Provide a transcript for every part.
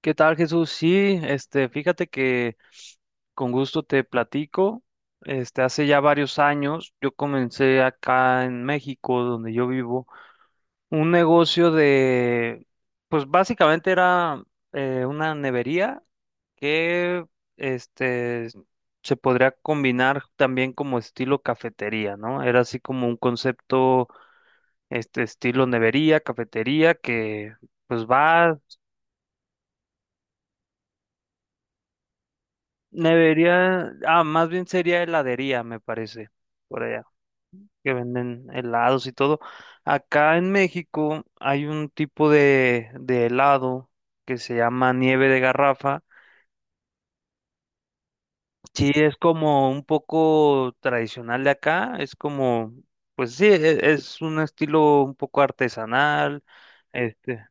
¿Qué tal, Jesús? Sí, fíjate que con gusto te platico. Hace ya varios años yo comencé acá en México, donde yo vivo, un negocio de, pues básicamente era una nevería que, este, se podría combinar también como estilo cafetería, ¿no? Era así como un concepto, estilo nevería, cafetería, que pues va. Nevería, ah, más bien sería heladería, me parece, por allá, que venden helados y todo. Acá en México hay un tipo de helado que se llama nieve de garrafa. Sí, es como un poco tradicional de acá, es como, pues sí, es un estilo un poco artesanal, este,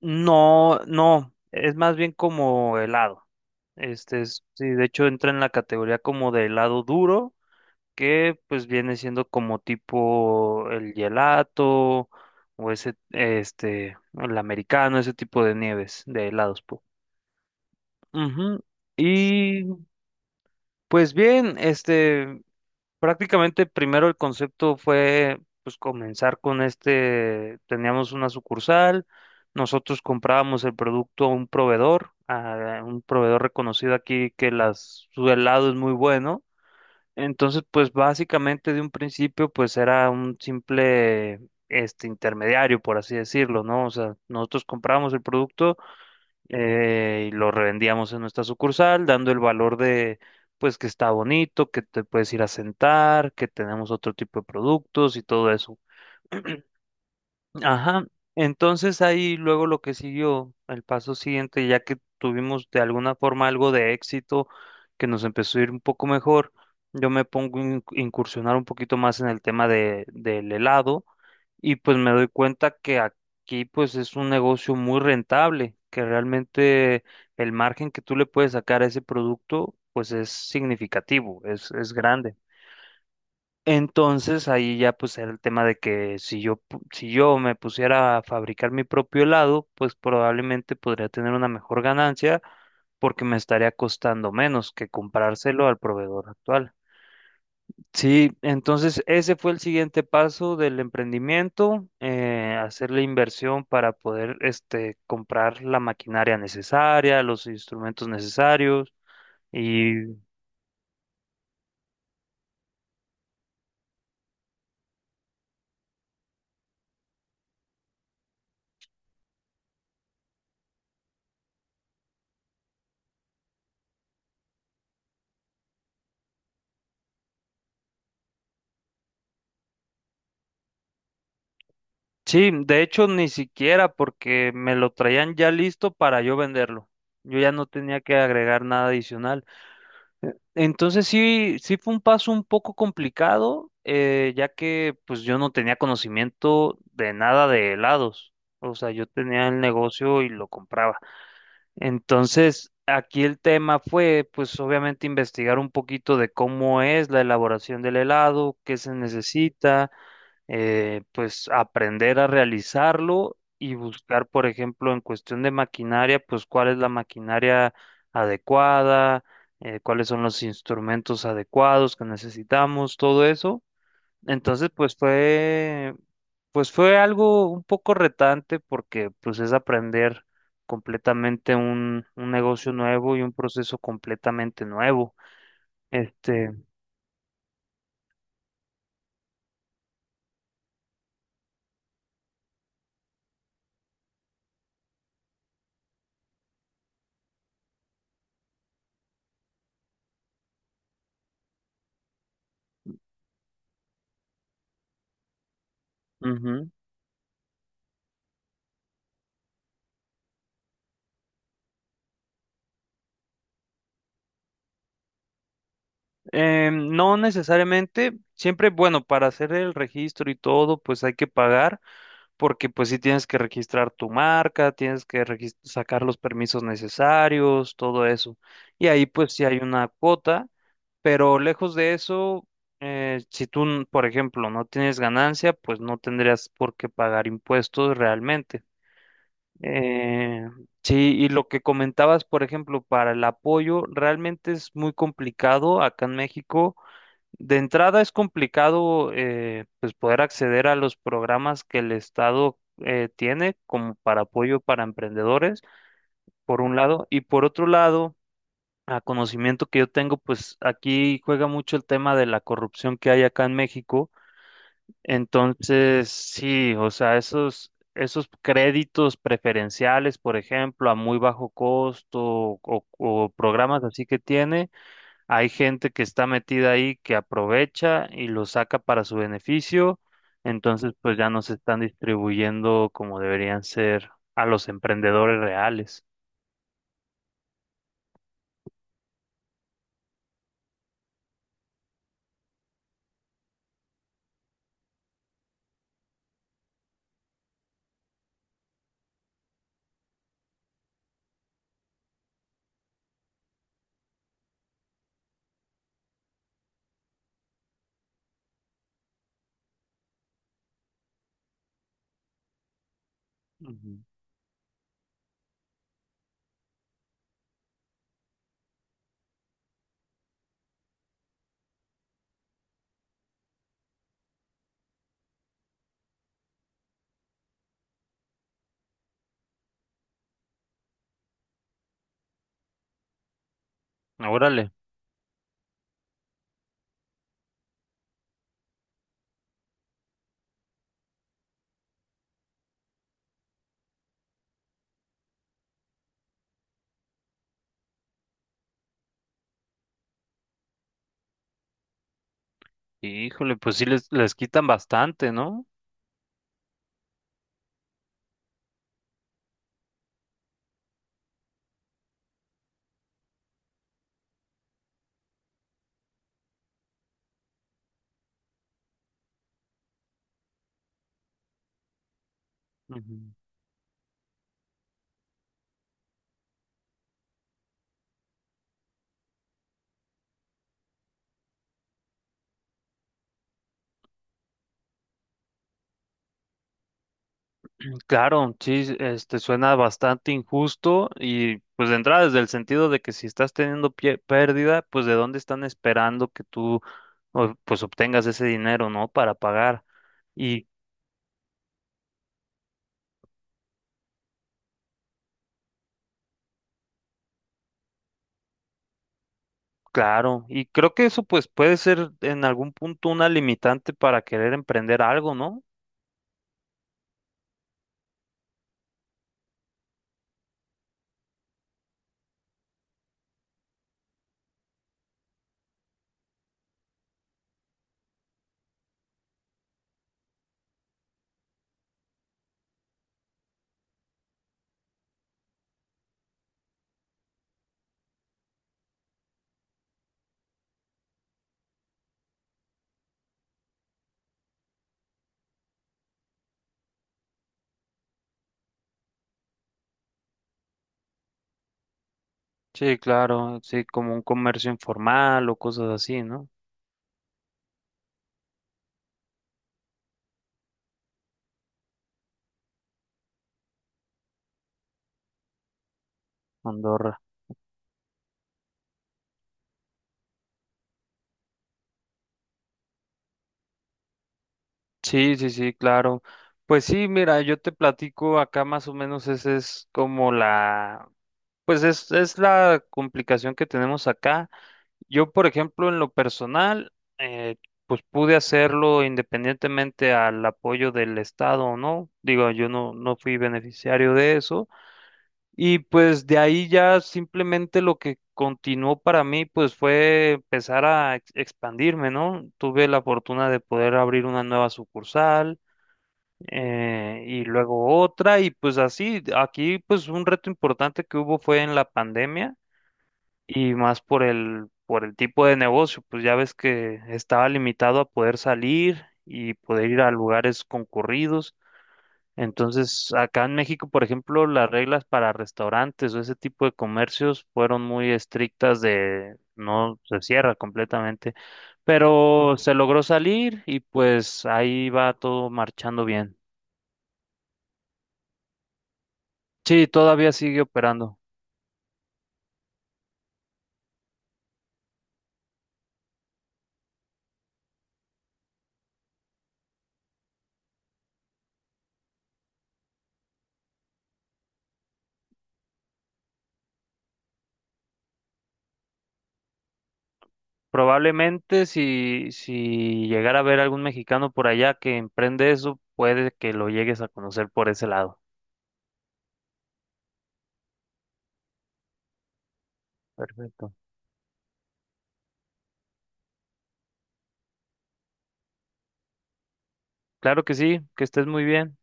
no, no, es más bien como helado. Este es, sí, de hecho entra en la categoría como de helado duro. Que pues viene siendo como tipo el gelato o ese, el americano, ese tipo de nieves, de helados, pues. Ujú. Y pues bien, prácticamente primero el concepto fue pues comenzar con este, teníamos una sucursal, nosotros comprábamos el producto a un proveedor reconocido aquí que las, su helado es muy bueno. Entonces, pues básicamente de un principio, pues era un simple intermediario, por así decirlo, ¿no? O sea, nosotros comprábamos el producto y lo revendíamos en nuestra sucursal, dando el valor de, pues que está bonito, que te puedes ir a sentar, que tenemos otro tipo de productos y todo eso. Ajá, entonces ahí luego lo que siguió, el paso siguiente, ya que tuvimos de alguna forma algo de éxito, que nos empezó a ir un poco mejor, yo me pongo a incursionar un poquito más en el tema de, del helado, y pues me doy cuenta que aquí pues es un negocio muy rentable, que realmente el margen que tú le puedes sacar a ese producto pues es significativo, es grande. Entonces ahí ya pues era el tema de que si yo si yo me pusiera a fabricar mi propio helado, pues probablemente podría tener una mejor ganancia porque me estaría costando menos que comprárselo al proveedor actual. Sí, entonces ese fue el siguiente paso del emprendimiento, hacer la inversión para poder comprar la maquinaria necesaria, los instrumentos necesarios y. Sí, de hecho ni siquiera porque me lo traían ya listo para yo venderlo. Yo ya no tenía que agregar nada adicional. Entonces sí, sí fue un paso un poco complicado, ya que pues yo no tenía conocimiento de nada de helados. O sea, yo tenía el negocio y lo compraba. Entonces aquí el tema fue pues obviamente investigar un poquito de cómo es la elaboración del helado, qué se necesita, pues aprender a realizarlo y buscar, por ejemplo, en cuestión de maquinaria, pues cuál es la maquinaria adecuada, cuáles son los instrumentos adecuados que necesitamos, todo eso. Entonces, pues fue algo un poco retante porque pues es aprender completamente un negocio nuevo y un proceso completamente nuevo. Este, ujú. No necesariamente, siempre, bueno, para hacer el registro y todo, pues hay que pagar, porque pues sí tienes que registrar tu marca, tienes que sacar los permisos necesarios, todo eso. Y ahí pues sí hay una cuota, pero lejos de eso, si tú, por ejemplo, no tienes ganancia, pues no tendrías por qué pagar impuestos realmente. Eh, sí, y lo que comentabas, por ejemplo, para el apoyo, realmente es muy complicado acá en México, de entrada es complicado, pues poder acceder a los programas que el Estado tiene como para apoyo para emprendedores, por un lado, y por otro lado, a conocimiento que yo tengo, pues aquí juega mucho el tema de la corrupción que hay acá en México. Entonces, sí, o sea, esos, esos créditos preferenciales, por ejemplo, a muy bajo costo o programas así que tiene. Hay gente que está metida ahí que aprovecha y lo saca para su beneficio, entonces pues ya no se están distribuyendo como deberían ser a los emprendedores reales. Ujú. Órale, híjole, pues sí les quitan bastante, ¿no? Ujú. Claro, sí, sí, este suena bastante injusto y pues de entrada desde el sentido de que si estás teniendo pérdida, pues de dónde están esperando que tú pues obtengas ese dinero, ¿no? Para pagar. Claro, y creo que eso pues puede ser en algún punto una limitante para querer emprender algo, ¿no? Sí, claro, sí, como un comercio informal o cosas así, ¿no? Andorra. Sí, sí, sí, claro. Pues sí, mira, yo te platico acá más o menos ese es como la. Pues es la complicación que tenemos acá. Yo, por ejemplo, en lo personal, eh, pues pude hacerlo independientemente al apoyo del Estado o no. Digo, yo no, no fui beneficiario de eso. Y pues de ahí ya simplemente lo que continuó para mí, pues fue empezar a expandirme, ¿no? Tuve la fortuna de poder abrir una nueva sucursal, y luego otra, y pues así, aquí pues un reto importante que hubo fue en la pandemia y más por el tipo de negocio, pues ya ves que estaba limitado a poder salir y poder ir a lugares concurridos. Entonces, acá en México, por ejemplo, las reglas para restaurantes o ese tipo de comercios fueron muy estrictas de no se cierra completamente, pero se logró salir y pues ahí va todo marchando bien. Sí, todavía sigue operando. Probablemente si, si llegara a ver algún mexicano por allá que emprende eso, puede que lo llegues a conocer por ese lado. Perfecto. Claro que sí, que estés muy bien.